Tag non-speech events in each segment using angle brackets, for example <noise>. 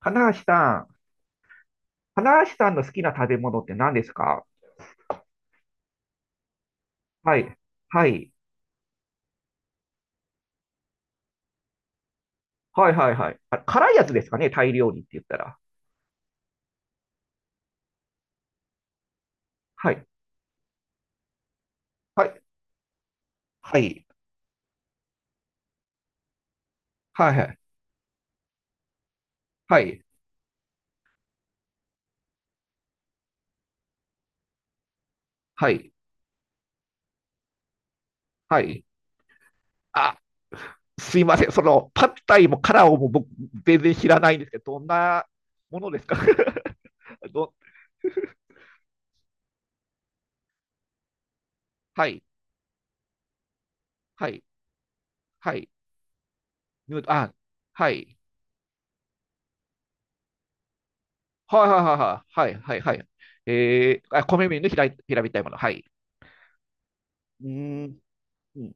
花橋さん、花橋さんの好きな食べ物って何ですか？はい。はい。はいはいはい。あ、辛いやつですかね、タイ料理って言ったら。はい。はい。はい。はいはい。はい。はい。はい。あ、すいません。パッタイもカラオも僕、全然知らないんですけど、どんなものですか？ <laughs> ど、はい。はい。はい。ヌードあ、はい。はいはいはいはい。はいはいはい。あ、米麺の平べったいもの。はい。うーん。うん。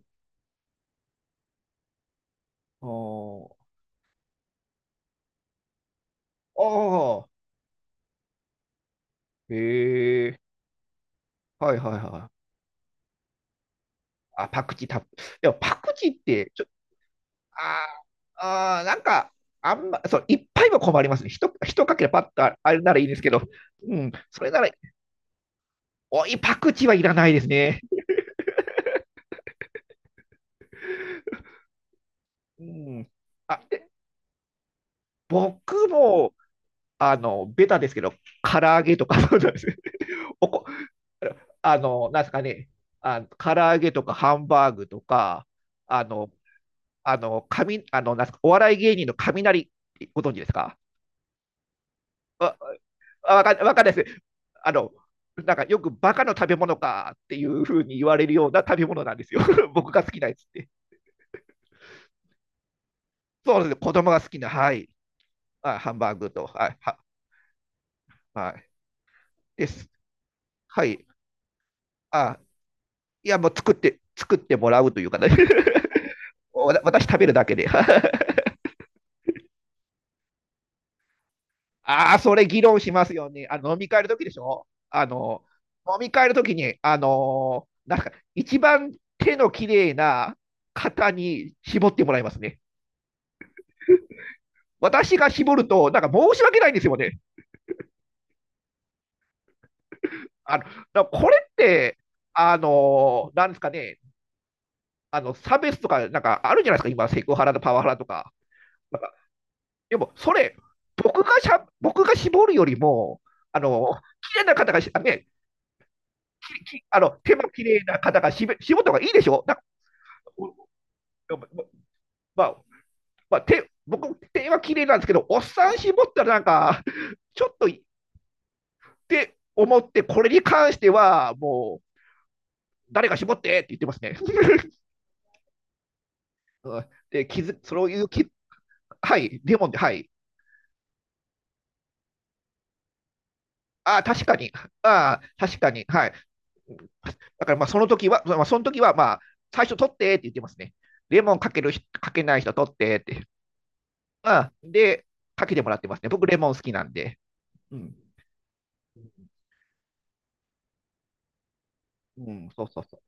あーああ、へえ、はいはいはい。あ、パクチーたっぷり、でもパクチーって、ちょ、あーあー、なんか、そう、いっぱいは困りますね。ひとかけらパッとあれならいいんですけど、うん、それなら、おい、パクチーはいらないですね。うん。あ、で、僕も、ベタですけど、唐揚げとか、そうなんですよ。 <laughs> おこ、あの、なんですかね、あ、唐揚げとかハンバーグとか、あの、あの、かみ、あの、なんすか、お笑い芸人の雷、ご存知ですか？わ、わかんないです。あの、なんかよくバカの食べ物かっていうふうに言われるような食べ物なんですよ。<laughs> 僕が好きなやつって。そうですね、子供が好きな、はい。あ、ハンバーグと、はい、はい、です。はい。あ、いや、もう作ってもらうというかね。<laughs> 私食べるだけで。<laughs> ああ、それ議論しますよね。あの飲み会の時でしょ？飲み会の時に、なんか、一番手の綺麗な方に絞ってもらいますね。私が絞ると、なんか申し訳ないんですよね。だからこれって、なんですかね、差別とか、なんかあるじゃないですか、今、セクハラとパワハラとか。なんかでも、それ、僕が絞るよりも、あの、綺麗な方がし、あね、あの、手も綺麗な方が絞った方がいいでしょ。だまあ、まあ、手は綺麗なんですけど、おっさん絞ったらなんか、ちょっとって思って、これに関しては、もう、誰が絞ってって言ってますね。<laughs> で、気づ、そういうき、はい、レモンで、はい。ああ、確かに。ああ、確かに。はい。だから、まあ、その時は、まあ、最初取ってって言ってますね。レモンかけるかけない人取ってって。ああ、で、かけてもらってますね。僕、レモン好きなんで。うん。うん、そうそうそう。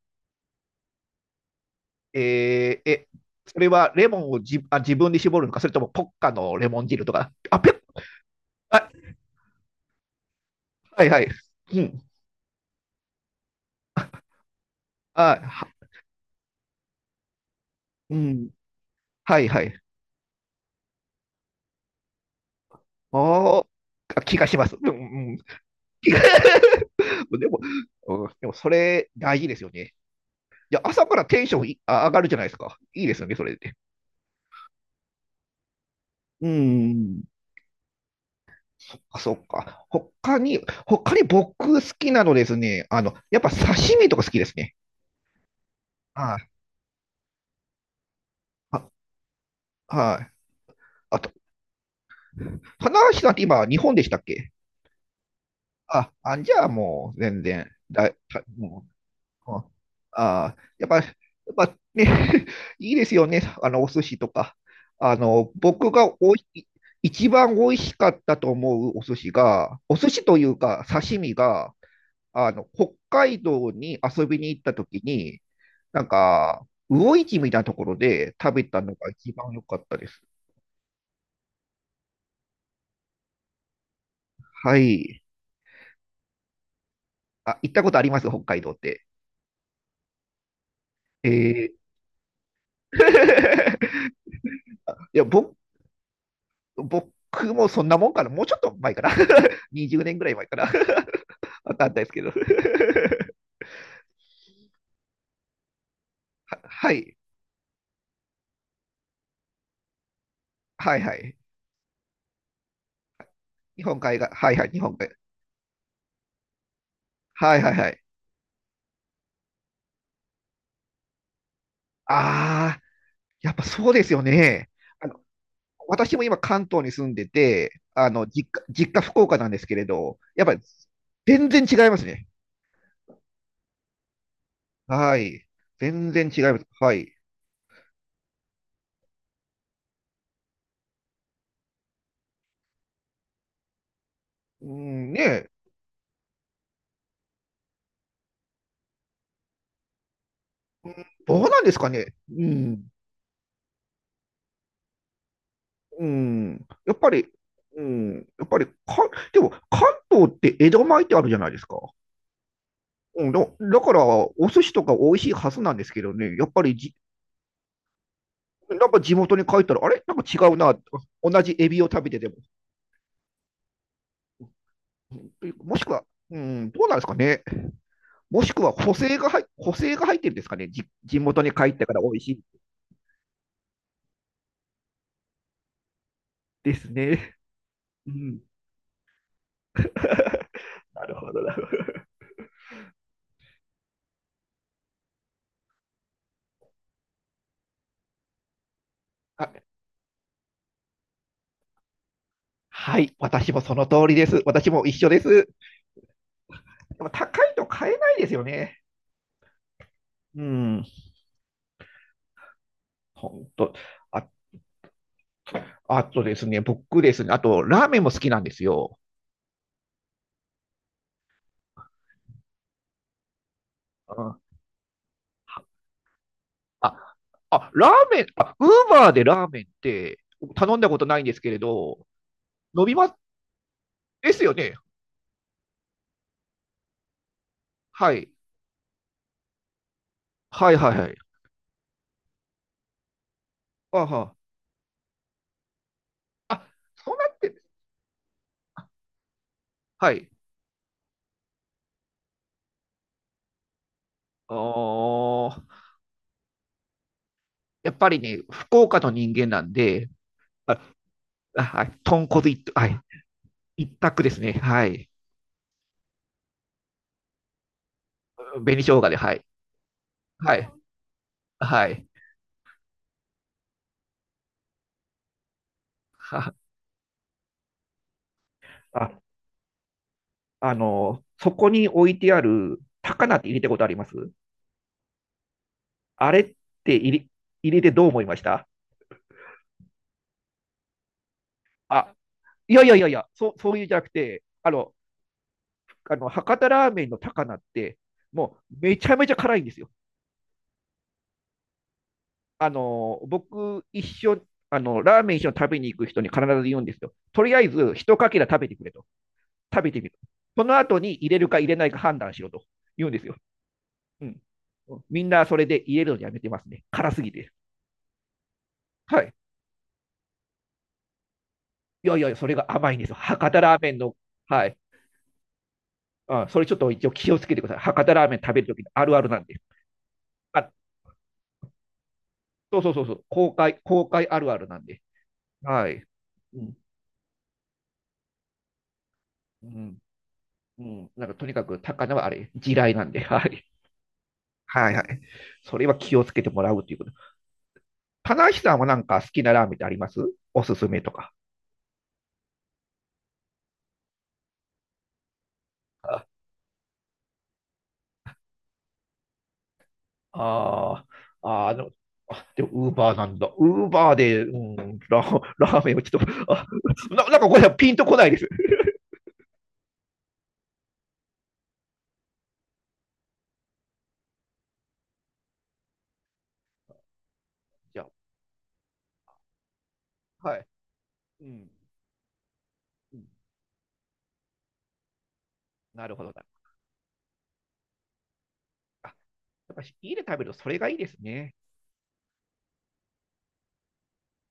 えーえ、それはレモンを自分で絞るのか、それともポッカのレモン汁とか。あ、はいはい。うん。あ、うん。はいはい。おー、気がします。うん、うん。気が <laughs> でも、うん、でもそれ大事ですよね。いや、朝からテンション上がるじゃないですか。いいですよね、それで。うん。あ、そっか。他に僕好きなのですね。やっぱ刺身とか好きですね。はい。あ、はい。あと、花橋さんって今、日本でしたっけ？じゃあもう全然、だい、たもう、うんやっぱね、<laughs> いいですよね、お寿司とか。僕が一番美味しかったと思うお寿司というか刺身が、北海道に遊びに行った時に、なんか、魚市みたいなところで食べたのが一番良かったです。はい。あ、行ったことあります北海道って？えー <laughs> いや、僕もそんなもんかな、もうちょっと前かな、<laughs> 20年ぐらい前かな、<laughs> わかんないですけど。<laughs> はい、はいはい。日本海側、はいはい、日本海側。はいはいはい。ああ、やっぱそうですよね。あの、私も今関東に住んでて、実家福岡なんですけれど、やっぱり全然違いますね。はい。全然違います。はい。うん、ねえ、どうなんですかね。うん、うん、やっぱり、うん、やっぱりか、でも関東って江戸前ってあるじゃないですか。うん、だから、お寿司とか美味しいはずなんですけどね、やっぱりなんか地元に帰ったら、あれなんか違うな、同じエビを食べてても。うんもしくは、うん、どうなんですかね。もしくは補正が入ってるんですかね。地元に帰ってから美味しいですね。うん、<laughs> なるほど、なるほど。あはい、私もその通りです。私も一緒です。でも高いと買えないですよね。うん、本当。あ、あとですね、僕ですね、あと、ラーメンも好きなんですよ。うんあ、あ、ラーメン、あ、ウーバーでラーメンって頼んだことないんですけれど、伸びます、ですよね。はい。はいはいはい。あは。あ、そうなって、はい。あーやっぱりね、福岡の人間なんで、あ、あはい、豚骨一、はい、一択ですね。はい。紅生姜で、はい。はい。はい。は、あ、あの、そこに置いてある高菜って入れたことあります？あれって入れてどう思いました？あ、いやいやいやいや、そう、そういうじゃなくて、あの博多ラーメンの高菜って、もうめちゃめちゃ辛いんですよ。あの、僕、一緒、あの、ラーメン一緒に食べに行く人に必ず言うんですよ。とりあえず、一かけら食べてくれと。食べてみる。その後に入れるか入れないか判断しろと言うんですよ。うん。みんなそれで入れるのやめてますね。辛すぎて。はい。いやいや、それが甘いんですよ。博多ラーメンの、はい。うん、それちょっと一応気をつけてください。博多ラーメン食べるときのあるあるなんで。あ、そうそうそうそう、公開あるあるなんで。はい。うん、うん、うん。なんかとにかく高菜はあれ、地雷なんで。はい。はいはい。それは気をつけてもらうということ。棚橋さんはなんか好きなラーメンってあります？おすすめとか。ああー、あーあの、でも、ウーバーなんだ。ウーバーで、うん、ラーメンをちょっと、なんかこれはピンとこないです。じゃはい。うん。うんなるほどな。あ、やっぱ家で食べるとそれがいいですね。